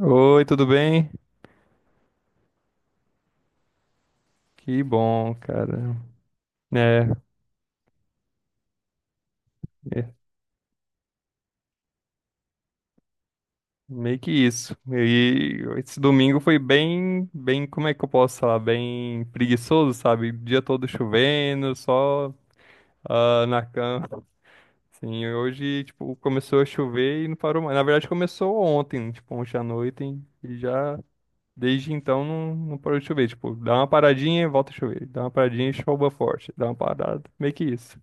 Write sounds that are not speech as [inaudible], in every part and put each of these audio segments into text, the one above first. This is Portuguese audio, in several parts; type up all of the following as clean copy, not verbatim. Oi, tudo bem? Que bom, cara. É, é, meio que isso. E esse domingo foi como é que eu posso falar? Bem preguiçoso, sabe? O dia todo chovendo, só na cama. Assim, hoje, tipo, começou a chover e não parou mais. Na verdade, começou ontem, tipo, ontem à noite, e já desde então não parou de chover. Tipo, dá uma paradinha e volta a chover. Dá uma paradinha e chova forte. Dá uma parada. Meio que isso.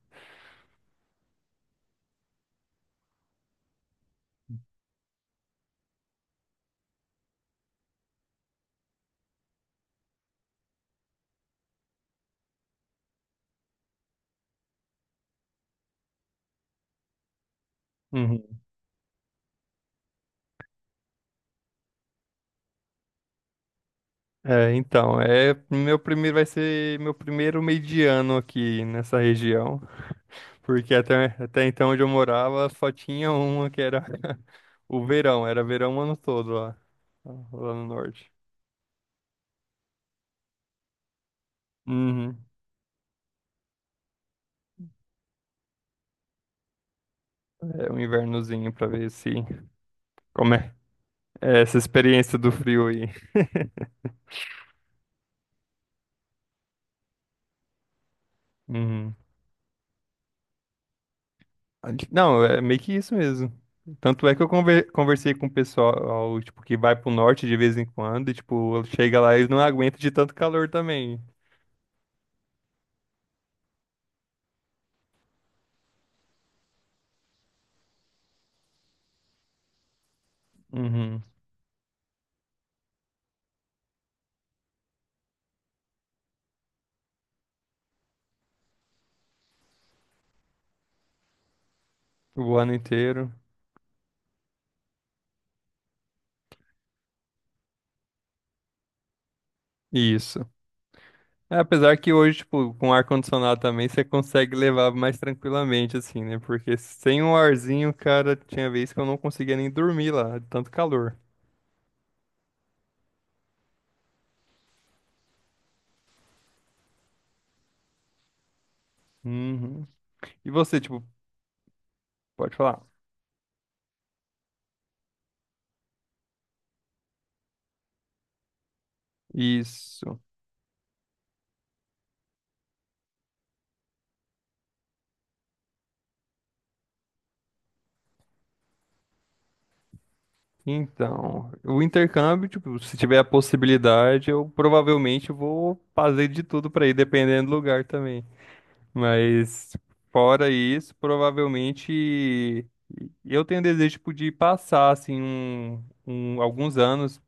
Uhum. É, então, é meu primeiro vai ser meu primeiro mediano aqui nessa região, porque até então onde eu morava só tinha uma que era [laughs] o verão, era verão o ano todo lá, lá no norte. Uhum. É um invernozinho pra ver se como é, é essa experiência do frio aí. [laughs] Uhum. Não, é meio que isso mesmo. Tanto é que eu conversei com o pessoal, tipo, que vai pro norte de vez em quando, e tipo, chega lá e eles não aguentam de tanto calor também. Uhum. O ano inteiro. Isso. É, apesar que hoje, tipo, com ar-condicionado também, você consegue levar mais tranquilamente, assim, né? Porque sem um arzinho, cara, tinha vez que eu não conseguia nem dormir lá, de tanto calor. Uhum. E você, tipo, pode falar? Isso. Então, o intercâmbio, tipo, se tiver a possibilidade, eu provavelmente vou fazer de tudo pra ir, dependendo do lugar também. Mas fora isso, provavelmente eu tenho desejo tipo, de passar assim alguns anos,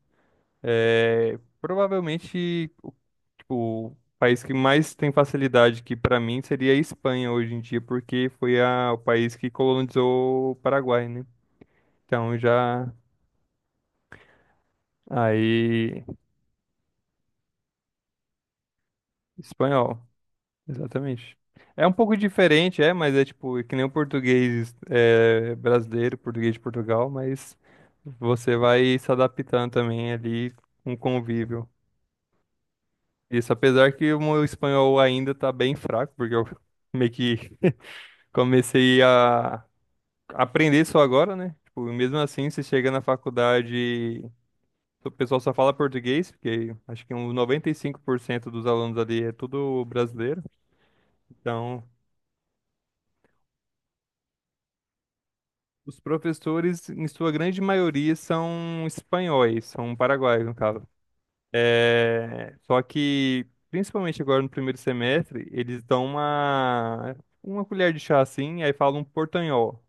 é, provavelmente o tipo, o país que mais tem facilidade que para mim seria a Espanha hoje em dia, porque foi o país que colonizou o Paraguai, né? Então já aí espanhol. Exatamente. É um pouco diferente, é, mas é tipo, é que nem o português é, brasileiro, português de Portugal, mas você vai se adaptando também ali com o convívio. Isso, apesar que o meu espanhol ainda tá bem fraco, porque eu [laughs] meio que comecei a aprender só agora, né? Tipo, mesmo assim, você chega na faculdade, o pessoal só fala português, porque acho que uns 95% dos alunos ali é tudo brasileiro, então. Os professores, em sua grande maioria, são espanhóis, são paraguaios, no caso. É, só que, principalmente agora no primeiro semestre, eles dão uma colher de chá assim, aí falam portanhol.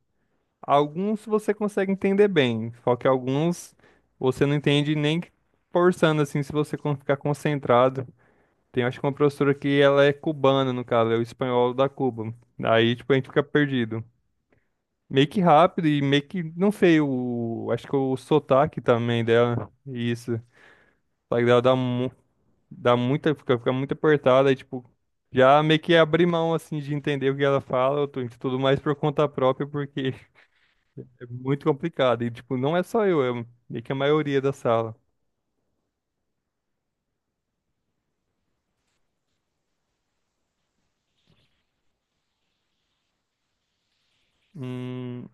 Alguns você consegue entender bem, só que alguns você não entende nem que forçando assim, se você ficar concentrado. Tem, acho que uma professora que ela é cubana, no caso, é o espanhol da Cuba. Daí, tipo, a gente fica perdido. Meio que rápido e meio que, não sei, o, acho que o sotaque também dela, isso. O sotaque dela dá, dá muita, fica muito apertada, e tipo, já meio que abri mão, assim, de entender o que ela fala, tudo mais por conta própria, porque [laughs] é muito complicado, e tipo, não é só eu, é meio que a maioria da sala. Hum,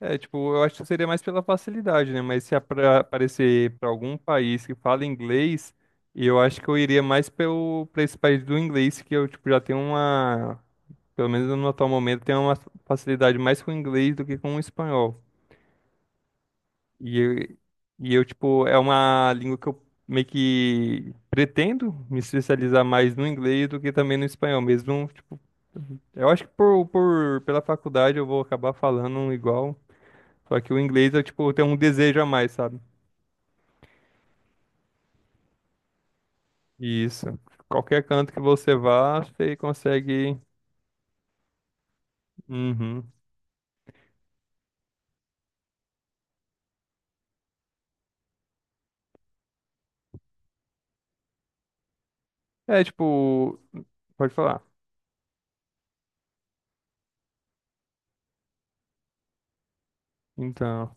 é, tipo, eu acho que seria mais pela facilidade, né, mas se aparecer pra algum país que fala inglês, eu acho que eu iria mais pra esse país do inglês, que eu, tipo, já tenho uma pelo menos no atual momento, tenho uma facilidade mais com o inglês do que com o espanhol. E eu, e eu, tipo, é uma língua que eu meio que pretendo me especializar mais no inglês do que também no espanhol mesmo. Tipo, eu acho que pela faculdade eu vou acabar falando igual. Só que o inglês eu, tipo, tenho um desejo a mais, sabe? Isso. Qualquer canto que você vá, você consegue. Uhum. É, tipo, pode falar. Então.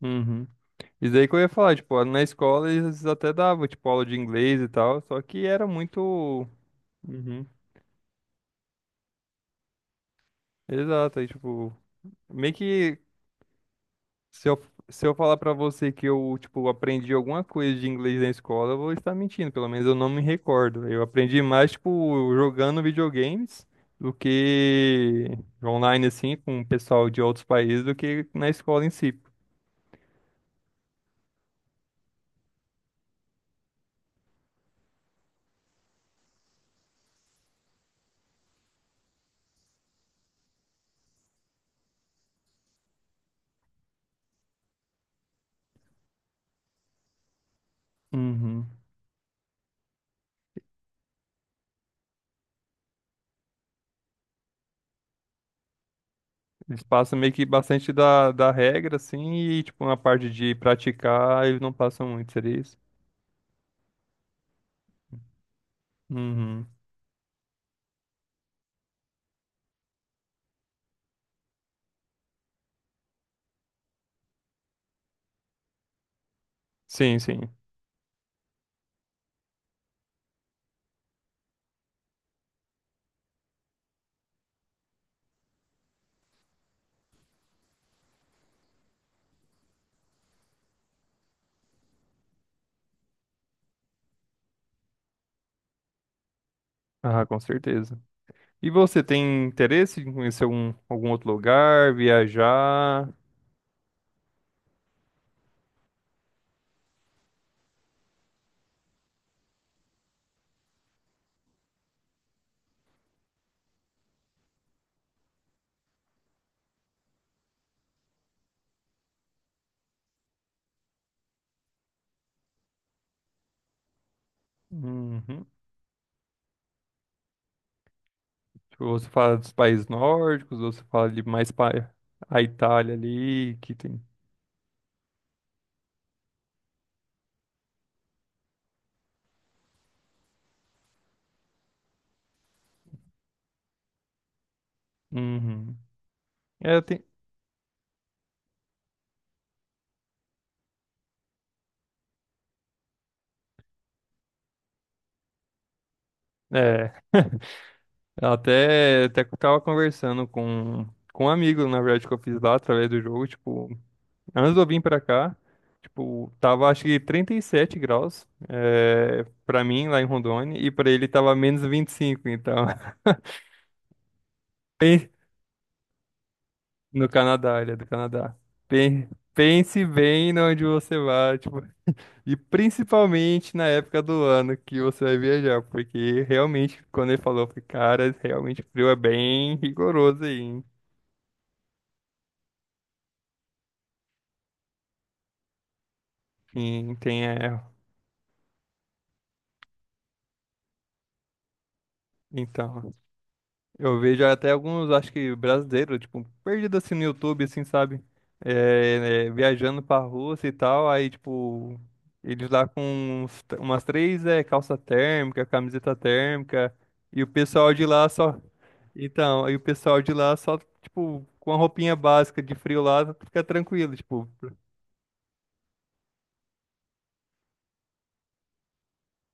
Uhum. Isso daí que eu ia falar, tipo, na escola eles até davam, tipo, aula de inglês e tal, só que era muito. Uhum. Exato, aí, tipo, meio que se eu, se eu falar pra você que eu, tipo, aprendi alguma coisa de inglês na escola, eu vou estar mentindo, pelo menos eu não me recordo. Eu aprendi mais, tipo, jogando videogames do que online, assim, com o pessoal de outros países, do que na escola em si. Uhum. Eles passam meio que bastante da regra, assim, e, tipo, na parte de praticar, eles não passam muito, seria isso? Uhum. Sim, sim. Ah, com certeza. E você tem interesse em conhecer algum, algum outro lugar, viajar? Uhum. Tipo, você fala dos países nórdicos, você fala de mais pa... a Itália ali, que tem. Uhum. É, tem... é, eu até que eu tava conversando com um amigo, na verdade, que eu fiz lá através do jogo, tipo. Antes de eu vir pra cá, tipo, tava acho que 37 graus, é, pra mim lá em Rondônia, e pra ele tava menos 25, então. [laughs] Pen- No Canadá, ele é do Canadá. Pense bem no onde você vai, tipo, e principalmente na época do ano que você vai viajar, porque realmente, quando ele falou, eu falei, cara, realmente o frio é bem rigoroso aí, hein? Sim, tem, é, então. Eu vejo até alguns, acho que brasileiros, tipo, perdido assim no YouTube, assim, sabe? Viajando pra Rússia e tal, aí, tipo, eles lá com umas três é, calça térmica, camiseta térmica, e o pessoal de lá só. Então, aí o pessoal de lá só, tipo, com a roupinha básica de frio lá, fica tranquilo, tipo,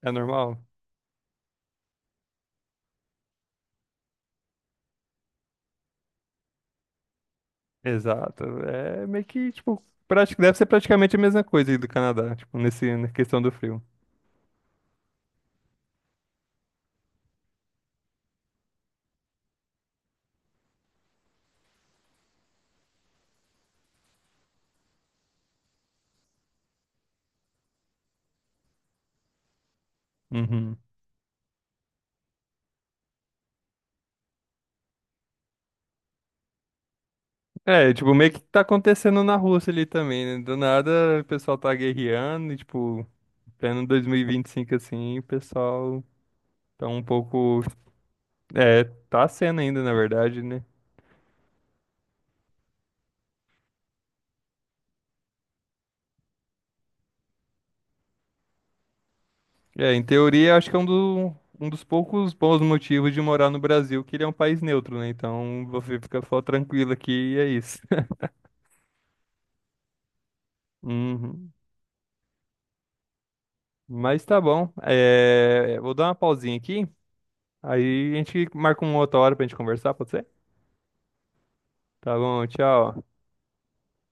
é normal? Exato. É meio que, tipo, deve ser praticamente a mesma coisa aí do Canadá, tipo, nesse, na questão do frio. Uhum. É, tipo, meio que tá acontecendo na Rússia ali também, né? Do nada o pessoal tá guerreando e, tipo, pleno 2025 assim, o pessoal tá um pouco. É, tá sendo ainda, na verdade, né? É, em teoria, acho que é um dos poucos bons motivos de morar no Brasil, que ele é um país neutro, né? Então você fica só tranquilo aqui e é isso. [laughs] Uhum. Mas tá bom. É, vou dar uma pausinha aqui. Aí a gente marca uma outra hora pra gente conversar, pode ser? Tá bom, tchau.